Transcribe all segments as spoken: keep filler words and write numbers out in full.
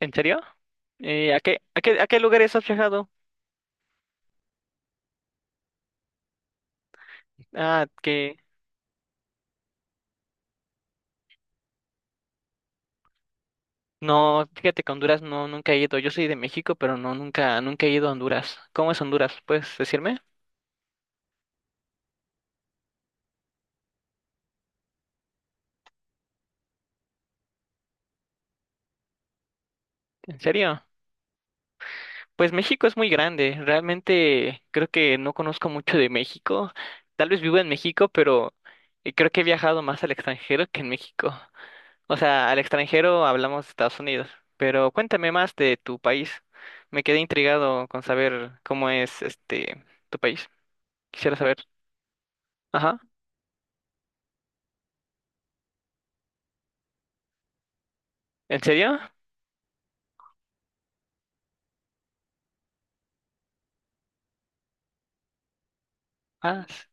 ¿En serio? Eh, ¿a qué, a qué, a qué lugares has viajado? Ah, que No, fíjate que a Honduras no, nunca he ido. Yo soy de México, pero no, nunca, nunca he ido a Honduras. ¿Cómo es Honduras? ¿Puedes decirme? ¿En serio? Pues México es muy grande. Realmente creo que no conozco mucho de México. Tal vez vivo en México, pero eh, creo que he viajado más al extranjero que en México. O sea, al extranjero hablamos de Estados Unidos. Pero cuéntame más de tu país. Me quedé intrigado con saber cómo es este tu país. Quisiera saber. Ajá. ¿En serio? Ah, s-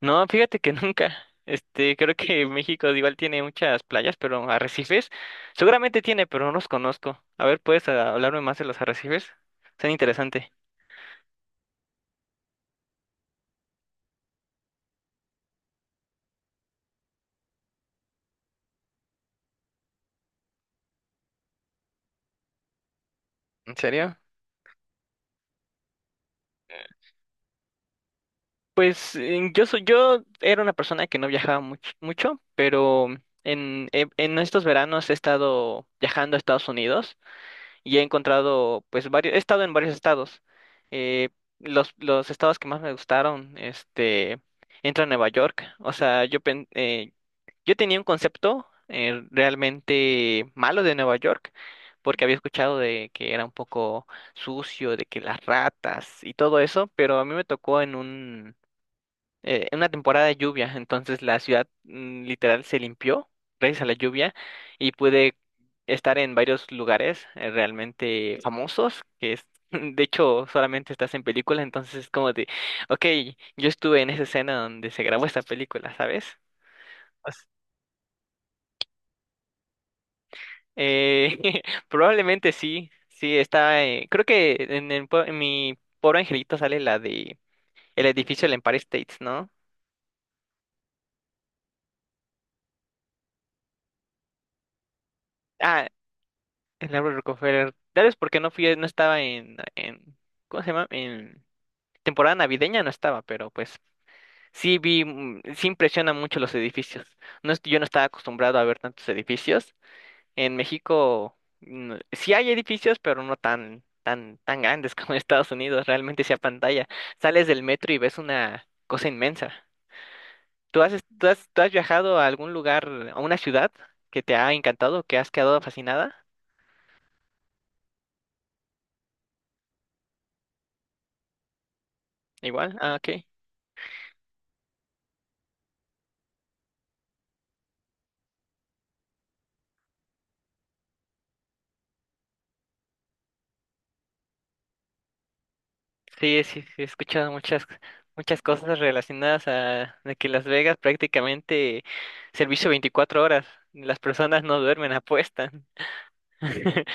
no, fíjate que nunca. Este, creo que México igual tiene muchas playas, pero arrecifes. Seguramente tiene, pero no los conozco. A ver, ¿puedes ah, hablarme más de los arrecifes? Son interesante. ¿En serio? Pues eh, yo soy, yo era una persona que no viajaba much- mucho, pero en, en en estos veranos he estado viajando a Estados Unidos. Y he encontrado, pues, varios, he estado en varios estados. Eh, los, los estados que más me gustaron, este, entro a Nueva York. O sea, yo, pen- eh, yo tenía un concepto eh, realmente malo de Nueva York, porque había escuchado de que era un poco sucio, de que las ratas y todo eso, pero a mí me tocó en un eh, en una temporada de lluvia, entonces la ciudad mm, literal se limpió gracias a la lluvia y pude estar en varios lugares eh, realmente famosos, que es, de hecho solamente estás en película, entonces es como de, ok, yo estuve en esa escena donde se grabó esta película, ¿sabes? Pues, eh, probablemente sí, sí, está, eh, creo que en, el pue- en mi pobre angelito sale la de el edificio del Empire States, ¿no? Ah, el Álvaro Rockefeller. Tal vez porque no fui, no estaba en, en, ¿cómo se llama? En temporada navideña no estaba, pero pues sí vi, mm, sí impresiona mucho los edificios. No, es- yo no estaba acostumbrado a ver tantos edificios. En México mm, sí hay edificios, pero no tan, tan, tan grandes como en Estados Unidos. Realmente sí a pantalla. Sales del metro y ves una cosa inmensa. ¿Tú has, est- ¿tú has, tú has viajado a algún lugar, a una ciudad que te ha encantado, que has quedado fascinada? Igual, ah, ok. Sí, sí, sí, he escuchado muchas, muchas cosas relacionadas a, de que Las Vegas prácticamente servicio veinticuatro horas. Las personas no duermen, apuestan.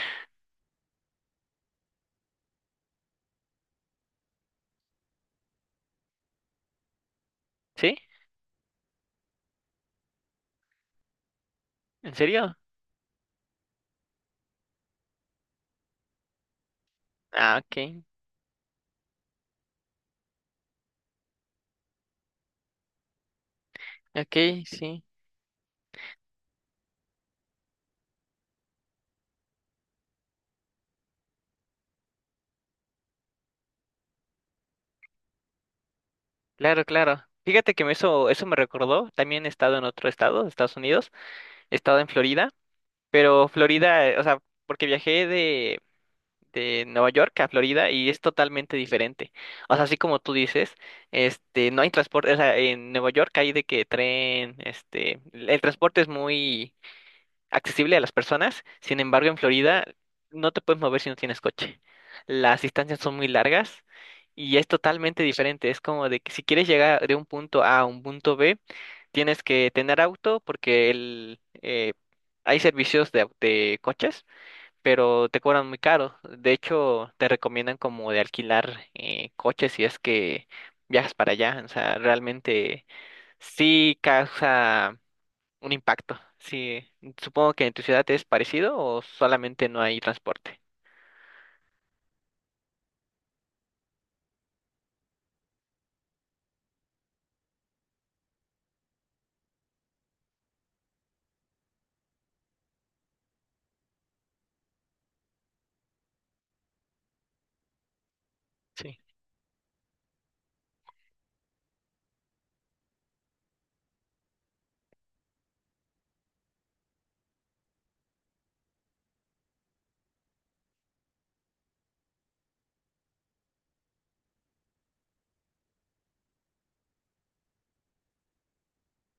¿Sí? ¿En serio? Ah, ok. Ok, sí. Claro, claro. Fíjate que me eso, eso me recordó. También he estado en otro estado, Estados Unidos. He estado en Florida, pero Florida, eh, o sea, porque viajé de Nueva York a Florida y es totalmente diferente. O sea, así como tú dices, este, no hay transporte, o sea, en Nueva York hay de que tren, este, el transporte es muy accesible a las personas, sin embargo, en Florida no te puedes mover si no tienes coche. Las distancias son muy largas y es totalmente diferente. Es como de que si quieres llegar de un punto A a un punto B, tienes que tener auto porque el, eh, hay servicios de, au- de coches pero te cobran muy caro. De hecho, te recomiendan como de alquilar eh, coches si es que viajas para allá. O sea, realmente sí causa un impacto. Sí, supongo que en tu ciudad es parecido o solamente no hay transporte. Sí.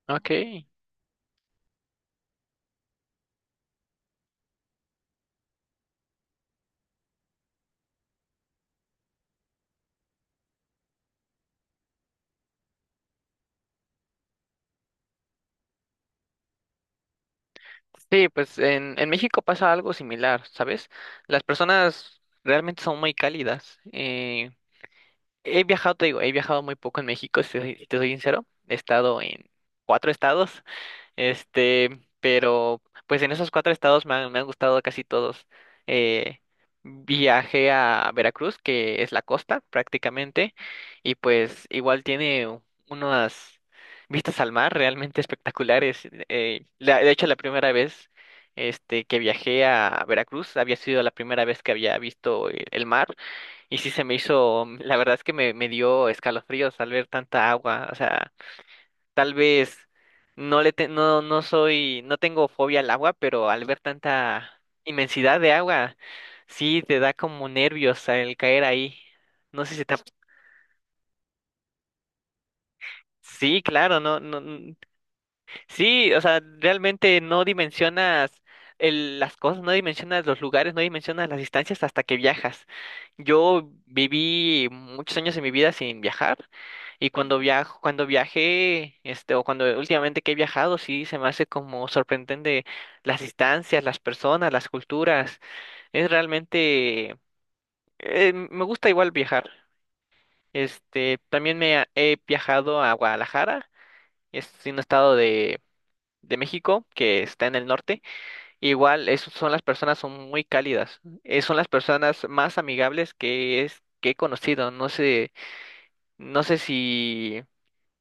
Ok. Sí, pues en, en México pasa algo similar, ¿sabes? Las personas realmente son muy cálidas. Eh, he viajado, te digo, he viajado muy poco en México, si te soy si te soy sincero. He estado en cuatro estados. Este, pero pues en esos cuatro estados me han, me han gustado casi todos. Eh, Viajé a Veracruz, que es la costa prácticamente, y pues igual tiene u- unas vistas al mar realmente espectaculares. Eh, la- de hecho, la primera vez este, que viajé a Veracruz había sido la primera vez que había visto eh, el mar, y sí se me hizo, la verdad es que me, me dio escalofríos al ver tanta agua, o sea. Tal vez no le te- no, no soy, no tengo fobia al agua, pero al ver tanta inmensidad de agua, sí te da como nervios al caer ahí. No sé si te ha- Sí, claro, no, no, sí, o sea, realmente no dimensionas el- las cosas, no dimensionas los lugares, no dimensionas las distancias hasta que viajas. Yo viví muchos años de mi vida sin viajar y cuando viajo, cuando viajé, este, o cuando últimamente que he viajado, sí se me hace como sorprendente las distancias, las personas, las culturas. Es realmente, eh, me gusta igual viajar. Este, también me ha- he viajado a Guadalajara, es un estado de México, que está en el norte. Igual es- son las personas son muy cálidas, eh, son las personas más amigables que es que he conocido. No sé, no sé si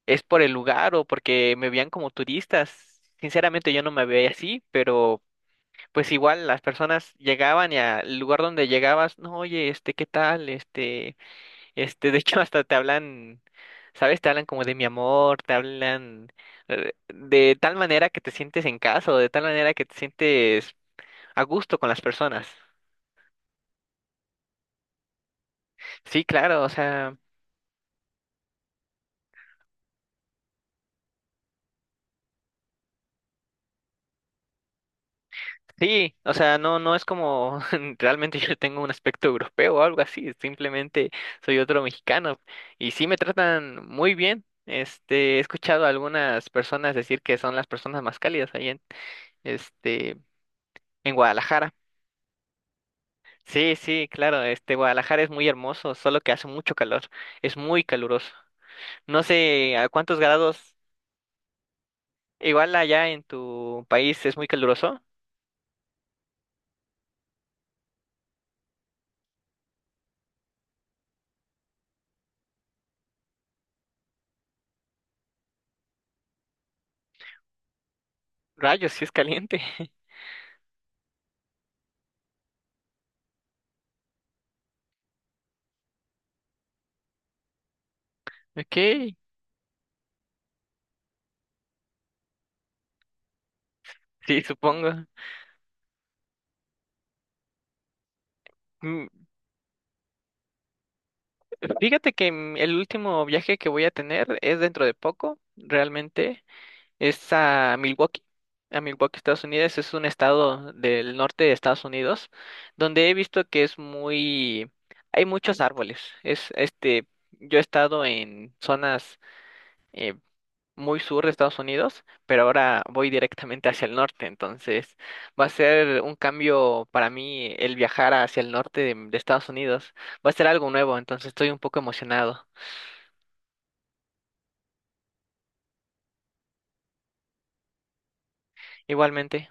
es por el lugar o porque me veían como turistas. Sinceramente yo no me veía así, pero pues igual las personas llegaban y al lugar donde llegabas, no, oye, este, ¿qué tal? Este este, de hecho, hasta te hablan, ¿sabes? Te hablan como de mi amor, te hablan eh, de tal manera que te sientes en casa o de tal manera que te sientes a gusto con las personas. Sí, claro, o sea, sí, o sea, no, no es como realmente yo tengo un aspecto europeo o algo así, simplemente soy otro mexicano y sí me tratan muy bien. Este, he escuchado a algunas personas decir que son las personas más cálidas ahí en, este, en Guadalajara. Sí, sí, claro, este Guadalajara es muy hermoso, solo que hace mucho calor, es muy caluroso. No sé a cuántos grados, igual allá en tu país es muy caluroso. Rayos, sí es caliente. Ok, sí, supongo. Mm, Fíjate que mm, el último viaje que voy a tener es dentro de poco, realmente. Es a Milwaukee, a Milwaukee, Estados Unidos. Es un estado del norte de Estados Unidos donde he visto que es muy, hay muchos árboles. Es este, yo he estado en zonas eh, muy sur de Estados Unidos, pero ahora voy directamente hacia el norte. Entonces va a ser un cambio para mí el viajar hacia el norte de, de Estados Unidos. Va a ser algo nuevo. Entonces estoy un poco emocionado. Igualmente.